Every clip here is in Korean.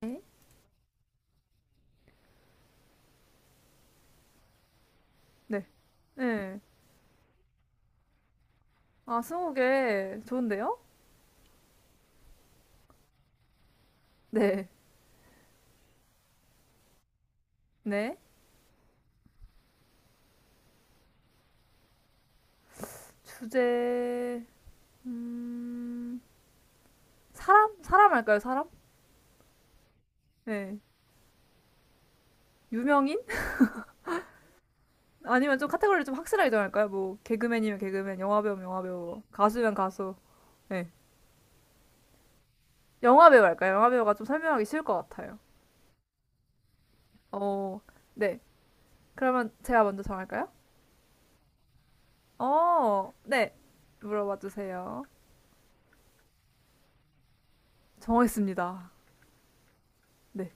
네, 네. 네. 아, 스무고개 좋은데요? 네. 네. 주제, 음, 사람? 사람 할까요, 사람? 네. 유명인? 아니면 좀 카테고리를 좀 확실하게 정할까요? 뭐, 개그맨이면 개그맨, 영화배우면 영화배우, 가수면 가수. 네. 영화배우 할까요? 영화배우가 좀 설명하기 쉬울 것 같아요. 어, 네. 그러면 제가 먼저 정할까요? 어, 네. 물어봐 주세요. 정했습니다. 네.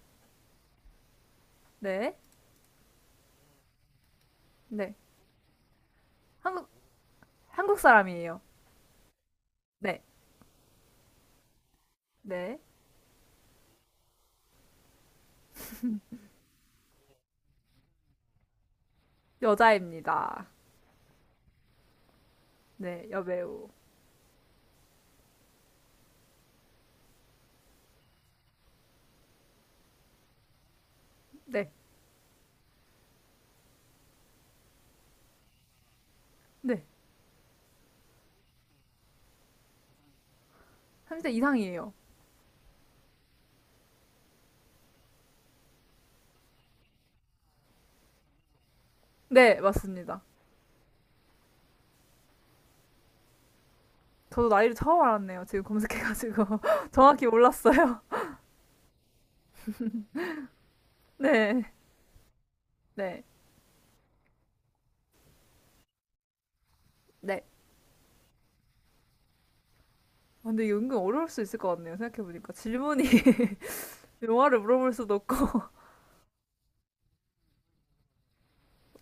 네. 네. 한국, 한국 사람이에요. 네, 네. 여자입니다. 네, 여배우. 네, 네. 30대 이상이에요. 네, 맞습니다. 저도 나이를 처음 알았네요. 지금 검색해가지고. 정확히 몰랐어요. 네, 네, 네. 아, 근데 이게 은근 어려울 수 있을 것 같네요. 생각해보니까. 질문이 영화를 물어볼 수도 없고.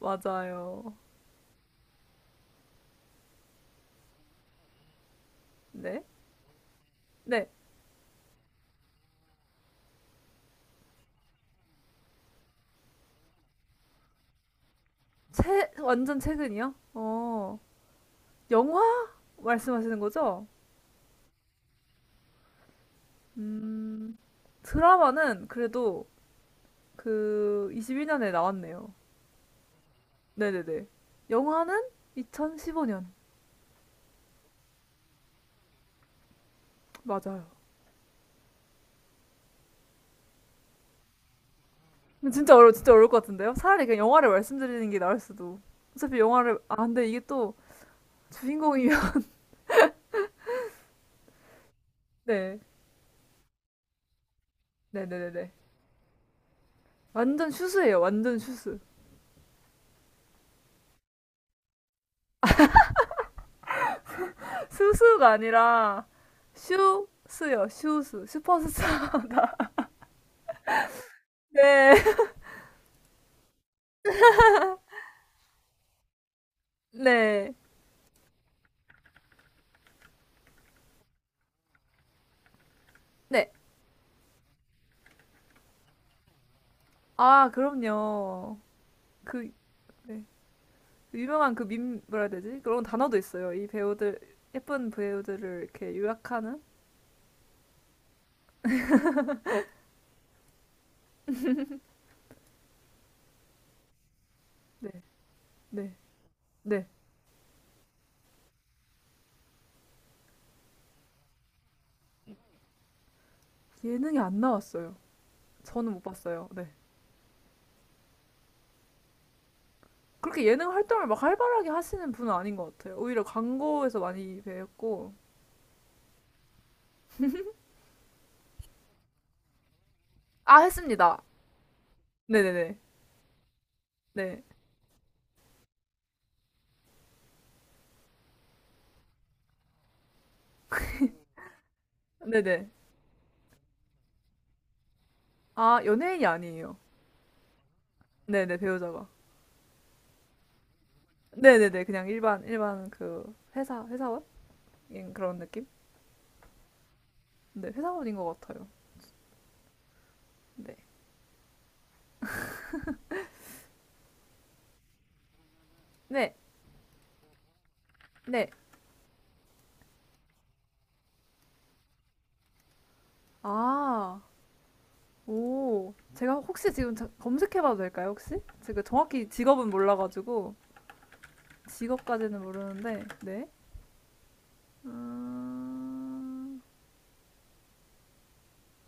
맞아요. 네, 네. 최, 완전 최근이요? 영화 말씀하시는 거죠? 음, 드라마는 그래도 그 21년에 나왔네요. 네네네. 영화는 2015년. 맞아요. 근데 진짜 어려울 것 같은데요? 차라리 그냥 영화를 말씀드리는 게 나을 수도. 어차피 영화를, 아, 근데 이게 또 주인공이면. 네. 네네네네. 완전 슈스예요. 완전 슈스. 스스가 아니라 슈스요. 슈스. 슈퍼스타. 네. 네. 네. 아, 그럼요. 그, 네. 그 유명한 그 밈, 뭐라 해야 되지? 그런 단어도 있어요. 이 배우들, 예쁜 배우들을 이렇게 요약하는? 네. 네. 네. 예능이 안 나왔어요. 저는 못 봤어요. 네. 그렇게 예능 활동을 막 활발하게 하시는 분은 아닌 것 같아요. 오히려 광고에서 많이 뵈었고. 아, 했습니다. 네네네. 네. 네네. 아, 연예인이 아니에요. 네네, 배우자가. 네네네. 그냥 일반, 일반 그 회사원? 인 그런 느낌? 네, 회사원인 것 같아요. 네. 네. 네. 아, 오. 제가 혹시 지금 검색해봐도 될까요, 혹시? 제가 정확히 직업은 몰라가지고. 직업까지는 모르는데, 네. 음,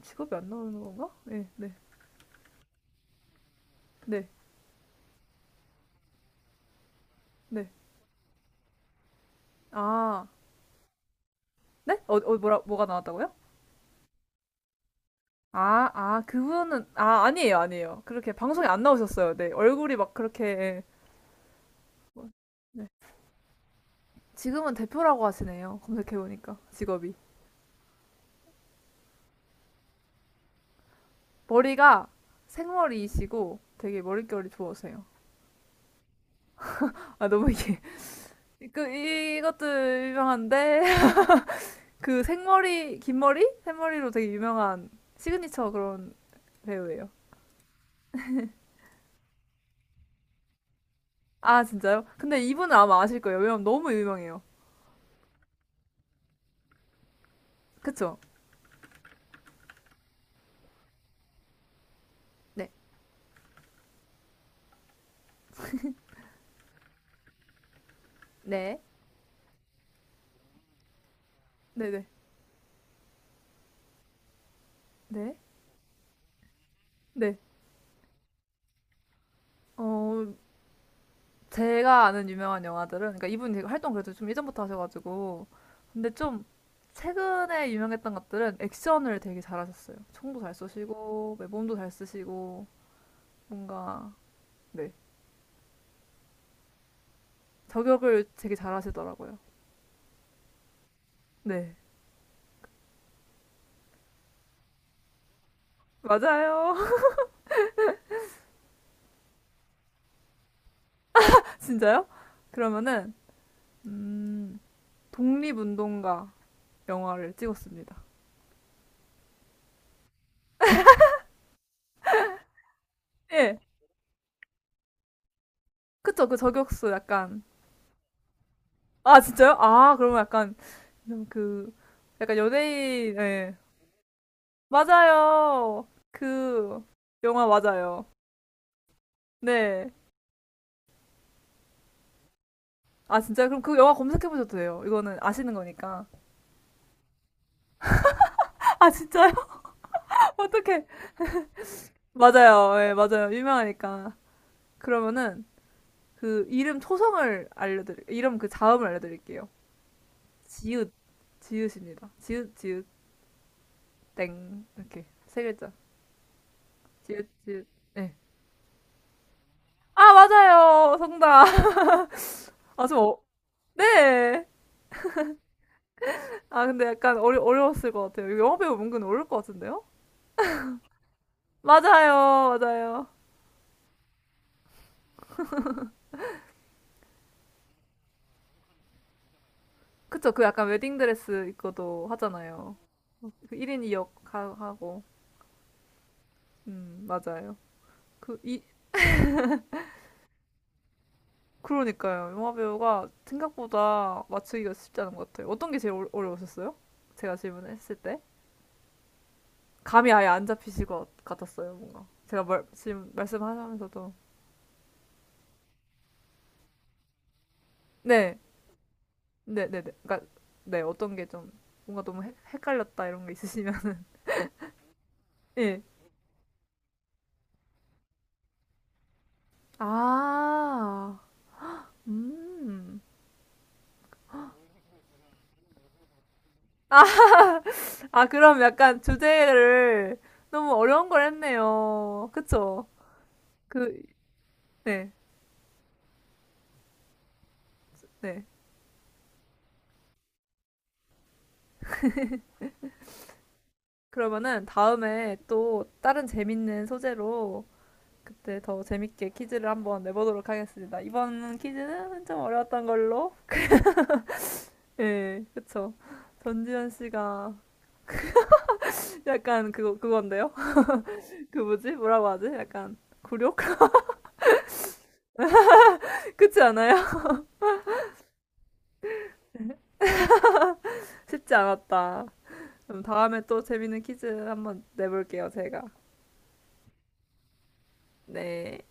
직업이 안 나오는 건가? 네, 네, 네. 아, 네? 뭐가 나왔다고요? 그분은, 아니에요, 아니에요. 그렇게 방송에 안 나오셨어요. 네, 얼굴이 막 그렇게, 예, 뭐, 네. 지금은 대표라고 하시네요. 검색해보니까, 직업이. 머리가 생머리이시고 되게 머릿결이 좋으세요. 아, 너무 이게, 그, 이것도 유명한데, 그 생머리, 긴 머리? 생머리로 되게 유명한 시그니처 그런 배우예요. 아, 진짜요? 근데 이분은 아마 아실 거예요. 왜냐면 너무 유명해요. 그쵸? 네, 네. 네네. 네. 네. 어, 제가 아는 유명한 영화들은, 그러니까 이분이 되게 활동 그래도 좀 예전부터 하셔가지고. 근데 좀 최근에 유명했던 것들은 액션을 되게 잘하셨어요. 총도 잘 쏘시고, 네, 몸도 잘 쓰시고, 뭔가, 네. 저격을 되게 잘하시더라고요. 네. 맞아요. 진짜요? 그러면은, 음, 독립운동가 영화를 찍었습니다. 예. 그쵸, 그 저격수 약간. 아, 진짜요? 아, 그러면 약간, 좀 그, 약간 연예인, 예. 맞아요. 그, 영화 맞아요. 네. 아, 진짜? 그럼 그 영화 검색해보셔도 돼요. 이거는 아시는 거니까. 아, 진짜요? 어떡해. 맞아요. 예, 맞아요. 유명하니까. 그러면은, 그, 이름 그 자음을 알려드릴게요. 지읒, 지읒입니다. 지읒, 지읒, 땡. 이렇게. 세 글자. 지읒, 지읒. 예. 아, 맞아요. 정답. 아, 좀, 어, 네. 아, 근데 약간 어려웠을 것 같아요. 이거 영화배우 은근 어려울 것 같은데요? 맞아요. 맞아요. 그쵸. 그 약간 웨딩드레스 입고도 하잖아요. 그 1인 2역 하고. 맞아요. 그, 이, 그러니까요. 영화배우가 생각보다 맞추기가 쉽지 않은 것 같아요. 어떤 게 제일 어려우셨어요? 제가 질문했을 때? 감이 아예 안 잡히실 것 같았어요, 뭔가. 제가 말, 지금 말씀하면서도. 네. 네네네. 그러니까 네 어떤 게 좀 뭔가 너무 헷갈렸다 이런 게 있으시면 예. 아, 음. 아, 아 그럼 약간 주제를 너무 어려운 걸 했네요. 그쵸? 그, 네, 네. 그러면은 다음에 또 다른 재밌는 소재로 그때 더 재밌게 퀴즈를 한번 내보도록 하겠습니다. 이번 퀴즈는 좀 어려웠던 걸로. 예, 그쵸. 전지현 씨가 약간 그거, 그건데요? 그 뭐지? 뭐라고 하지? 약간 굴욕? 그렇지 않아요? 쉽지 않았다. 그럼 다음에 또 재밌는 퀴즈 한번 내볼게요, 제가. 네.